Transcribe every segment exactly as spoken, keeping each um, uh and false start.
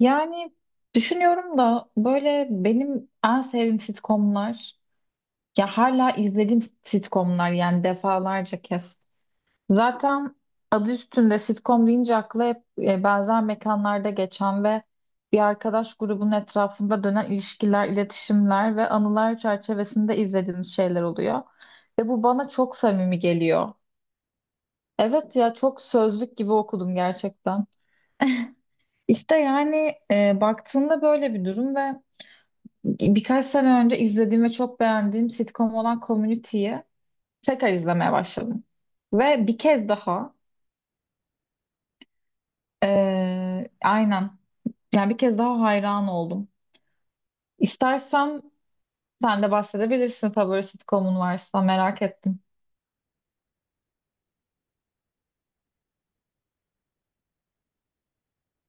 Yani düşünüyorum da böyle benim en sevdiğim sitcomlar, ya hala izlediğim sitcomlar yani defalarca kez. Zaten adı üstünde sitcom deyince akla hep e, benzer mekanlarda geçen ve bir arkadaş grubunun etrafında dönen ilişkiler, iletişimler ve anılar çerçevesinde izlediğimiz şeyler oluyor. Ve bu bana çok samimi geliyor. Evet ya, çok sözlük gibi okudum gerçekten. İşte yani e, baktığında böyle bir durum ve birkaç sene önce izlediğim ve çok beğendiğim sitcom olan Community'yi tekrar izlemeye başladım. Ve bir kez daha, eee, aynen, yani bir kez daha hayran oldum. İstersen sen de bahsedebilirsin, favori sitcomun varsa merak ettim.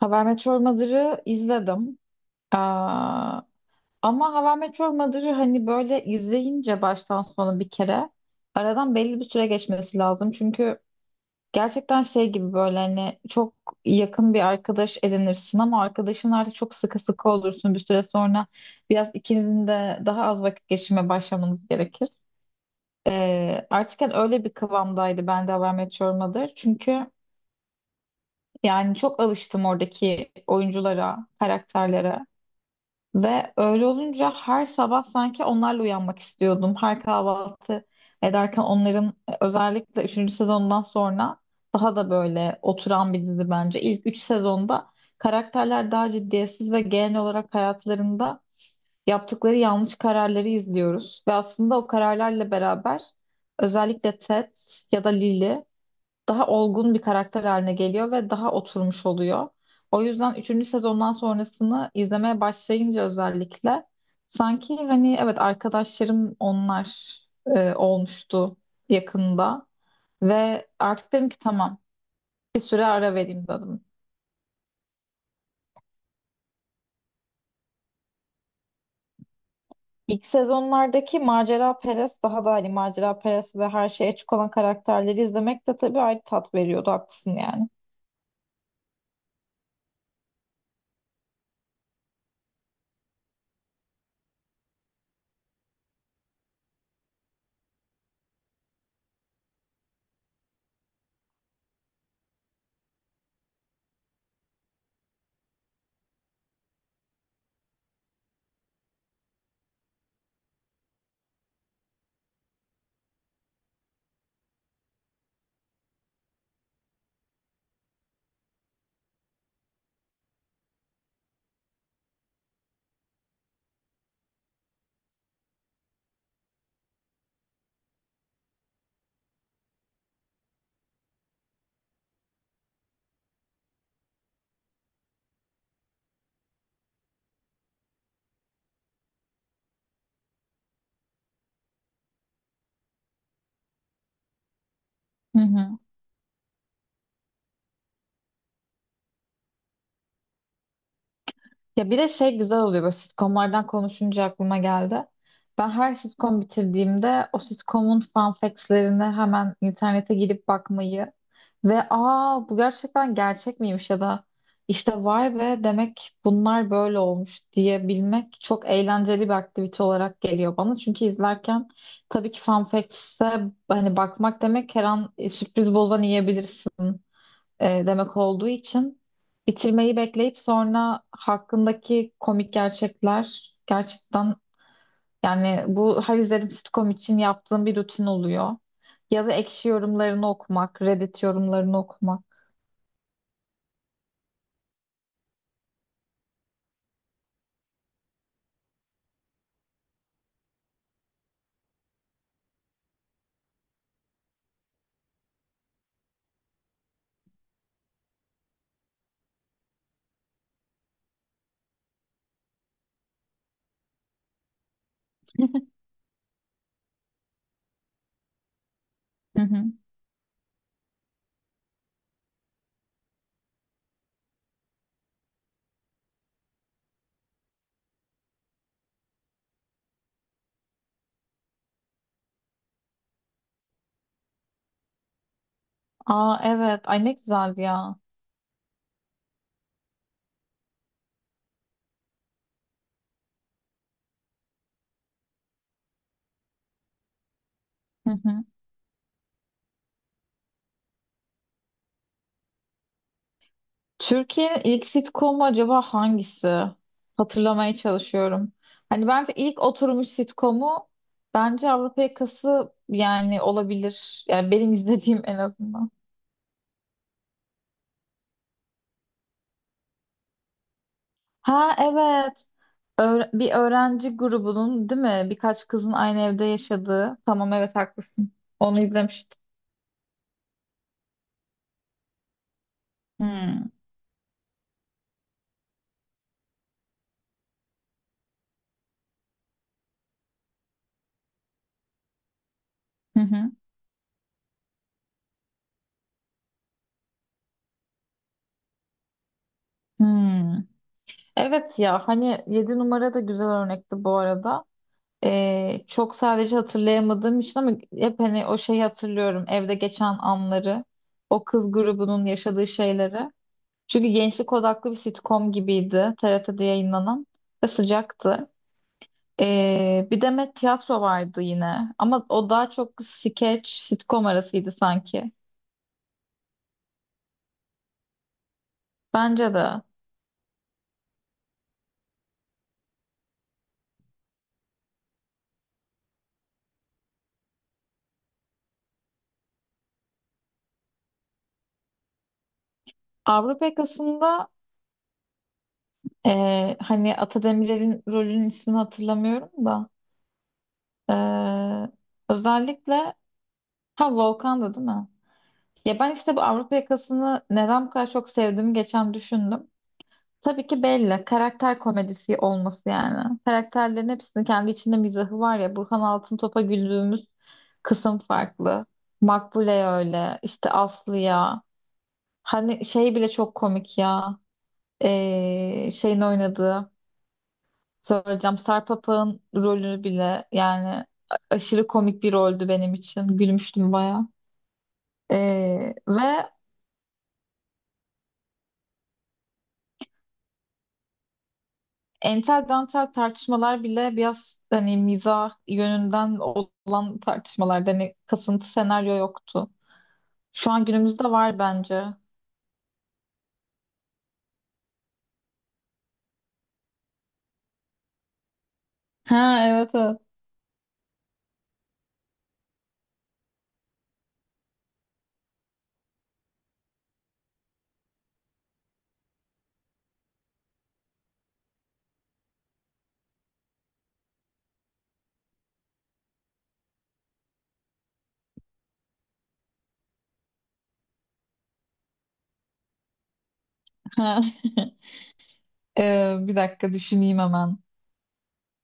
How I Met Your Mother'ı izledim. Aa, ama How I Met Your Mother'ı hani böyle izleyince baştan sona bir kere aradan belli bir süre geçmesi lazım. Çünkü gerçekten şey gibi, böyle hani çok yakın bir arkadaş edinirsin ama arkadaşın artık çok sıkı sıkı olursun. Bir süre sonra biraz ikinizin de daha az vakit geçirmeye başlamanız gerekir. Ee, artık hani öyle bir kıvamdaydı ben de How I Met Your Mother. Çünkü yani çok alıştım oradaki oyunculara, karakterlere. Ve öyle olunca her sabah sanki onlarla uyanmak istiyordum. Her kahvaltı ederken onların e, özellikle üçüncü sezondan sonra daha da böyle oturan bir dizi bence. İlk üç sezonda karakterler daha ciddiyetsiz ve genel olarak hayatlarında yaptıkları yanlış kararları izliyoruz. Ve aslında o kararlarla beraber özellikle Ted ya da Lily daha olgun bir karakter haline geliyor ve daha oturmuş oluyor. O yüzden üçüncü sezondan sonrasını izlemeye başlayınca, özellikle sanki hani evet arkadaşlarım onlar e, olmuştu yakında ve artık dedim ki tamam, bir süre ara vereyim dedim. İlk sezonlardaki macera perest, daha da hani macera perest ve her şeye açık olan karakterleri izlemek de tabii ayrı tat veriyordu, haklısın yani. Hı hı. Ya bir de şey güzel oluyor, böyle sitcomlardan konuşunca aklıma geldi. Ben her sitcom bitirdiğimde o sitcomun fun facts'lerini hemen internete girip bakmayı ve aa bu gerçekten gerçek miymiş ya da işte vay be demek bunlar böyle olmuş diyebilmek çok eğlenceli bir aktivite olarak geliyor bana. Çünkü izlerken tabii ki fun facts'e hani bakmak demek her an e, sürpriz bozan yiyebilirsin e, demek olduğu için bitirmeyi bekleyip sonra hakkındaki komik gerçekler gerçekten, yani bu her izlediğim sitcom için yaptığım bir rutin oluyor. Ya da ekşi yorumlarını okumak, Reddit yorumlarını okumak. Hı hı. Aa evet, ay ne güzeldi ya. Hı hı. Türkiye'nin ilk sitcomu acaba hangisi? Hatırlamaya çalışıyorum. Hani bence ilk oturmuş sitcomu bence Avrupa Yakası yani, olabilir. Yani benim izlediğim en azından. Ha evet. Öğre- bir öğrenci grubunun değil mi? Birkaç kızın aynı evde yaşadığı. Tamam, evet, haklısın. Onu izlemiştim. Hmm. Hı hı. Hmm. Evet ya, hani yedi numara da güzel örnekti bu arada. Ee, çok sadece hatırlayamadığım için ama hep hani o şeyi hatırlıyorum. Evde geçen anları, o kız grubunun yaşadığı şeyleri. Çünkü gençlik odaklı bir sitcom gibiydi T R T'de yayınlanan ve sıcaktı. Ee, bir de Met Tiyatro vardı yine, ama o daha çok skeç, sitcom arasıydı sanki. Bence de. Avrupa Yakası'nda ee, hani Atademir'in rolünün ismini hatırlamıyorum da, ee, özellikle, ha Volkan'dı değil mi? Ya ben işte bu Avrupa Yakası'nı neden bu kadar çok sevdiğimi geçen düşündüm. Tabii ki belli. Karakter komedisi olması yani. Karakterlerin hepsinin kendi içinde mizahı var ya. Burhan Altıntop'a güldüğümüz kısım farklı. Makbule öyle. İşte Aslı'ya. Hani şey bile çok komik ya. Ee, şeyin oynadığı. Söyleyeceğim. Sarpapa'nın rolü bile yani a- aşırı komik bir roldü benim için. Gülmüştüm bayağı. Ee, ve entel dantel tartışmalar bile biraz hani mizah yönünden olan tartışmalarda hani kasıntı senaryo yoktu. Şu an günümüzde var bence. Ha evet evet. Ha. Ee, bir dakika düşüneyim hemen.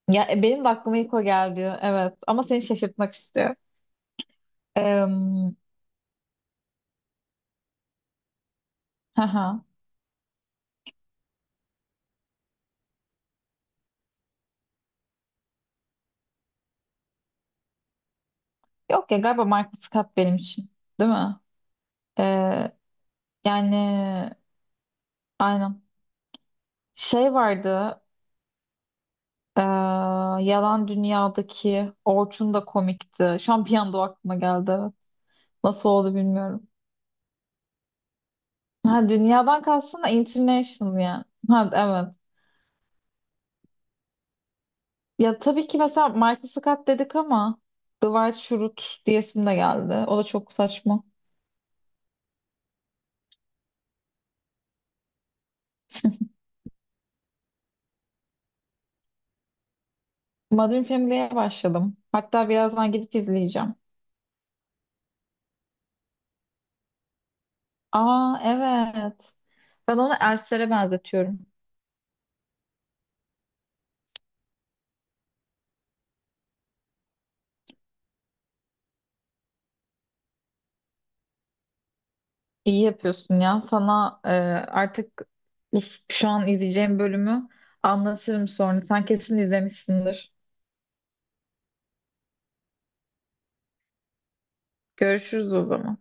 Ya e, benim de aklıma ilk o geldi. Evet ama seni şaşırtmak istiyor. Ee, hı hı. Yok ya, galiba Michael Scott benim için. Değil mi? Ee, Yani, aynen. Şey vardı. Ee, Yalan Dünya'daki Orçun da komikti. Şampiyon da aklıma geldi, evet. Nasıl oldu bilmiyorum. Ha, dünyadan kastın da international yani. Ha, evet. Ya tabii ki mesela Michael Scott dedik ama Dwight Schrute diyesim de geldi. O da çok saçma. Modern Family'ye başladım. Hatta birazdan gidip izleyeceğim. Aa evet. Ben onu elflere benzetiyorum. İyi yapıyorsun ya. Sana e, artık bu, şu an izleyeceğim bölümü anlatırım sonra. Sen kesin izlemişsindir. Görüşürüz o zaman.